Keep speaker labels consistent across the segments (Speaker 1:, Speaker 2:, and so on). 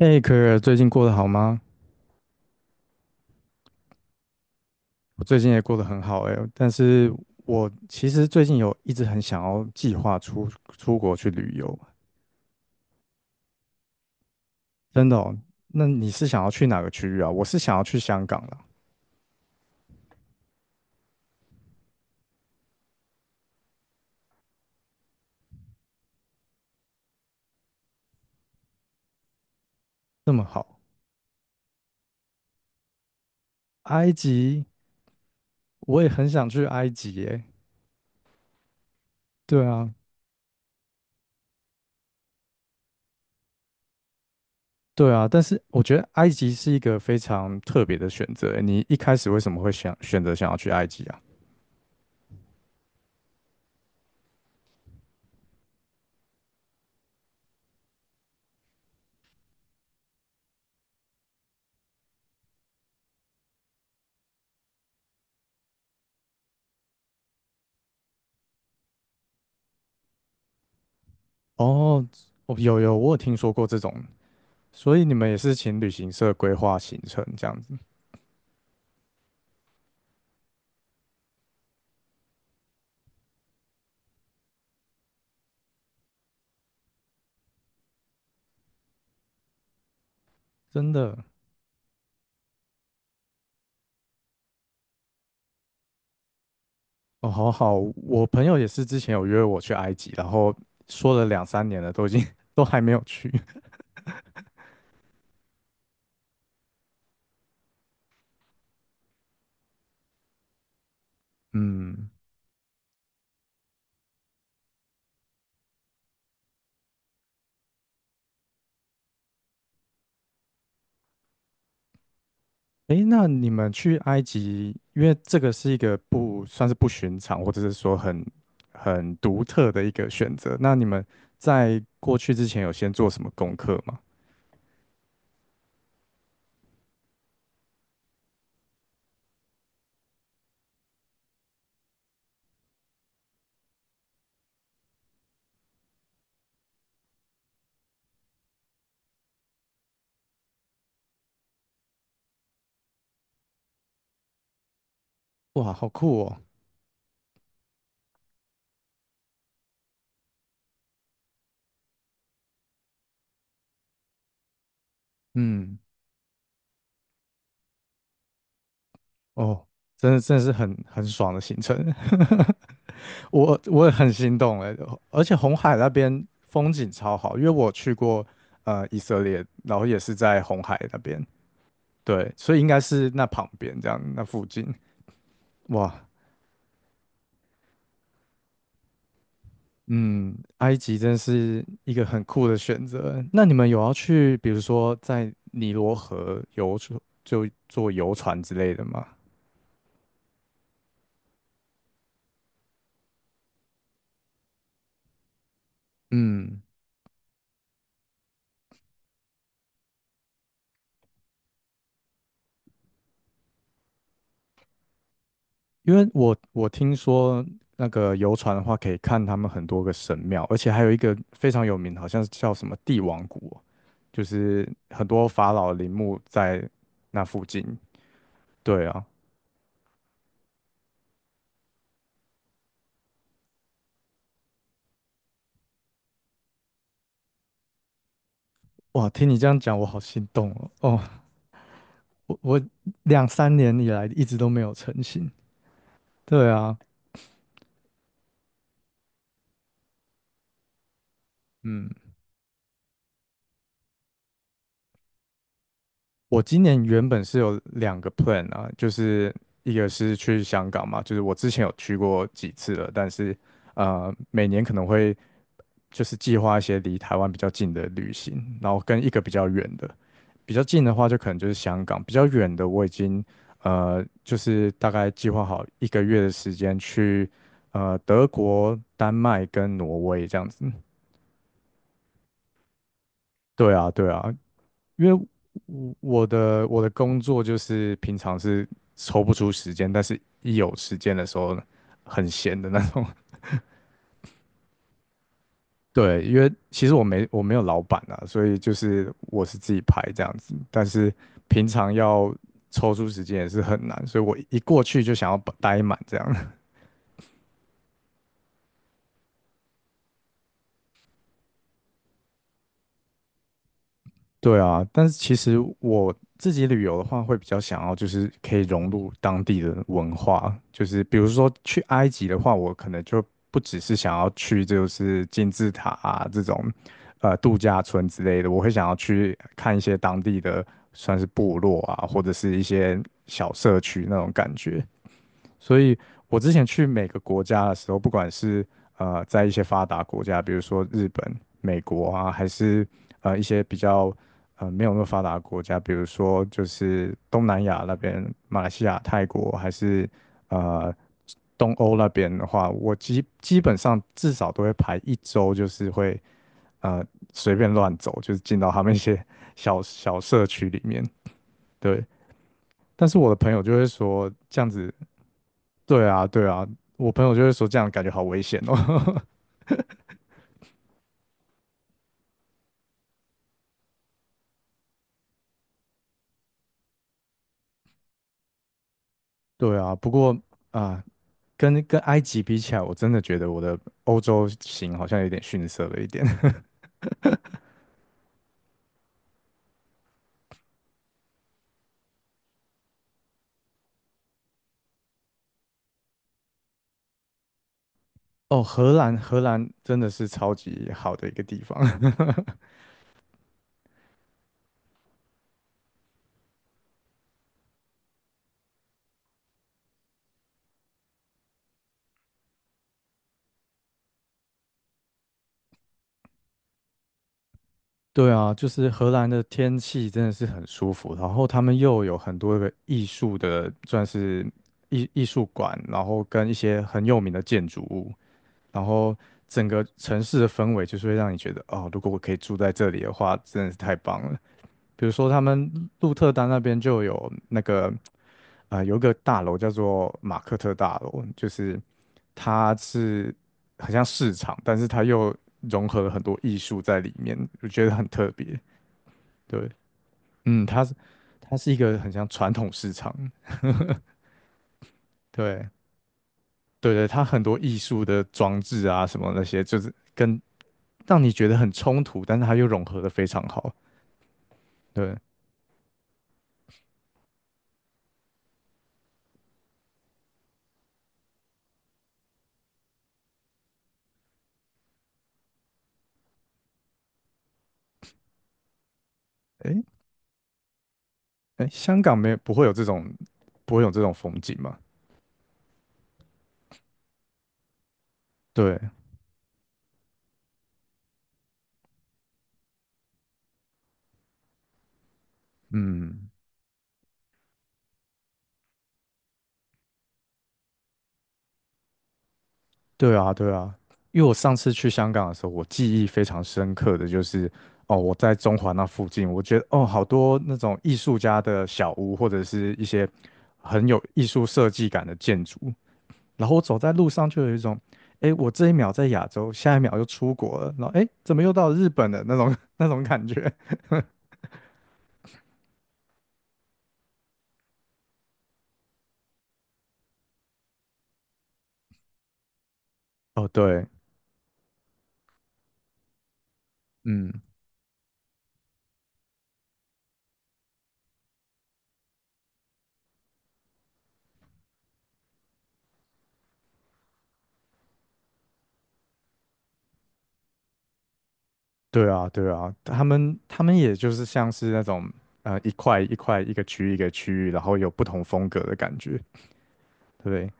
Speaker 1: 嘿，可儿，最近过得好吗？我最近也过得很好哎，但是我其实最近有一直很想要计划出出国去旅游，真的哦。那你是想要去哪个区域啊？我是想要去香港啦，那么好，埃及我也很想去埃及耶。对啊，对啊，但是我觉得埃及是一个非常特别的选择诶。你一开始为什么会想选择想要去埃及啊？哦，哦，有，我有听说过这种，所以你们也是请旅行社规划行程这样子。真的哦，好好，我朋友也是之前有约我去埃及，然后说了两三年了，都已经 都还没有去。嗯，诶，那你们去埃及，因为这个是一个不算是不寻常，或者是说很独特的一个选择。那你们在过去之前有先做什么功课吗？哇，好酷哦！嗯，哦，真的真的是很爽的行程。我也很心动哎，而且红海那边风景超好，因为我去过以色列，然后也是在红海那边，对，所以应该是那旁边这样，那附近，哇，嗯，埃及真是一个很酷的选择。那你们有要去，比如说在尼罗河游船，就坐游船之类的吗？嗯因为我听说那个游船的话，可以看他们很多个神庙，而且还有一个非常有名，好像是叫什么帝王谷哦，就是很多法老陵墓在那附近。对啊，哇，听你这样讲，我好心动哦。哦，我两三年以来一直都没有成行。对啊，嗯。我今年原本是有两个 plan 啊，就是一个是去香港嘛，就是我之前有去过几次了，但是每年可能会就是计划一些离台湾比较近的旅行，然后跟一个比较远的，比较近的话就可能就是香港，比较远的我已经就是大概计划好一个月的时间去德国、丹麦跟挪威这样子。对啊，对啊，因为我的工作就是平常是抽不出时间，但是一有时间的时候很闲的那种。对，因为其实我没有老板啊，所以就是我是自己排这样子，但是平常要抽出时间也是很难，所以我一过去就想要把待满这样。对啊，但是其实我自己旅游的话，会比较想要就是可以融入当地的文化，就是比如说去埃及的话，我可能就不只是想要去就是金字塔啊这种度假村之类的，我会想要去看一些当地的算是部落啊，或者是一些小社区那种感觉。所以我之前去每个国家的时候，不管是在一些发达国家，比如说日本、美国啊，还是一些比较没有那么发达的国家，比如说就是东南亚那边，马来西亚、泰国，还是呃东欧那边的话，我基本上至少都会排一周，就是会呃随便乱走，就是进到他们一些 小小社区里面，对。但是我的朋友就会说，这样子对啊，对啊，我朋友就会说这样感觉好危险哦。对啊，不过啊，跟埃及比起来，我真的觉得我的欧洲行好像有点逊色了一点。哦，荷兰，荷兰真的是超级好的一个地方。对啊，就是荷兰的天气真的是很舒服，然后他们又有很多个艺术的，算是艺术馆，然后跟一些很有名的建筑物，然后整个城市的氛围就是会让你觉得，哦，如果我可以住在这里的话，真的是太棒了。比如说他们鹿特丹那边就有那个，有一个大楼叫做马克特大楼，就是它是很像市场，但是它又融合了很多艺术在里面，我觉得很特别。对，嗯，它是一个很像传统市场，对。对对，它很多艺术的装置啊，什么那些，就是跟让你觉得很冲突，但是它又融合的非常好。对，哎哎，诶香港没有不会有这种风景吗？对，嗯，对啊对啊，因为我上次去香港的时候，我记忆非常深刻的就是哦，我在中环那附近，我觉得哦，好多那种艺术家的小屋或者是一些很有艺术设计感的建筑，然后我走在路上就有一种。哎，我这一秒在亚洲，下一秒又出国了，然后哎，诶怎么又到日本的那种 那种感觉？哦，对，嗯，对啊，对啊，他们也就是像是那种一块一块一个区域一个区域，然后有不同风格的感觉，对。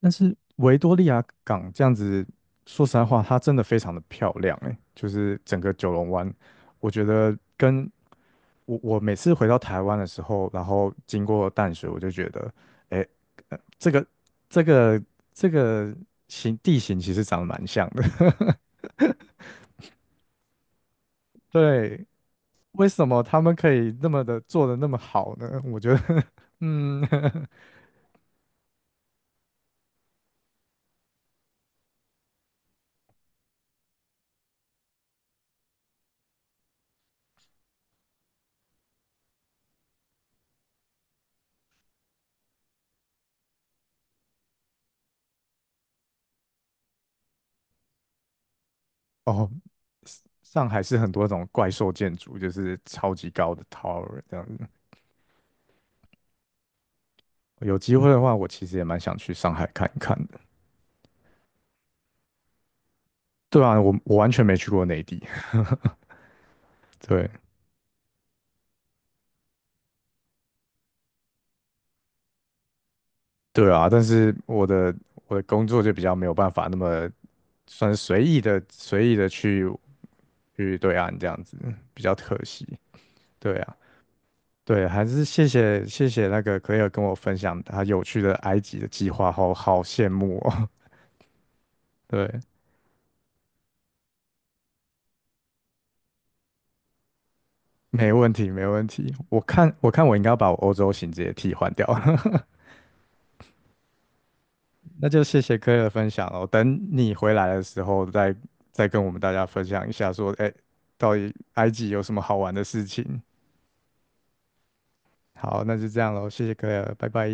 Speaker 1: 但是维多利亚港这样子，说实在话，它真的非常的漂亮诶，就是整个九龙湾，我觉得跟我每次回到台湾的时候，然后经过淡水，我就觉得，诶，这个这个这个形地形其实长得蛮像的，对，为什么他们可以那么的做的那么好呢？我觉得，嗯，哦，上海是很多种怪兽建筑，就是超级高的 tower 这样子。有机会的话，我其实也蛮想去上海看一看的。对啊，我完全没去过内地。对对啊，但是我的工作就比较没有办法那么算是随意的去对岸这样子，比较可惜。对啊。对，还是谢谢那个 Claire 跟我分享他有趣的埃及的计划，好好羡慕哦。对，没问题没问题。我看我应该要把我欧洲行直接替换掉，那就谢谢 Claire 的分享哦。等你回来的时候再跟我们大家分享一下说，哎，到底埃及有什么好玩的事情。好，那就这样喽，谢谢 Claire，拜拜。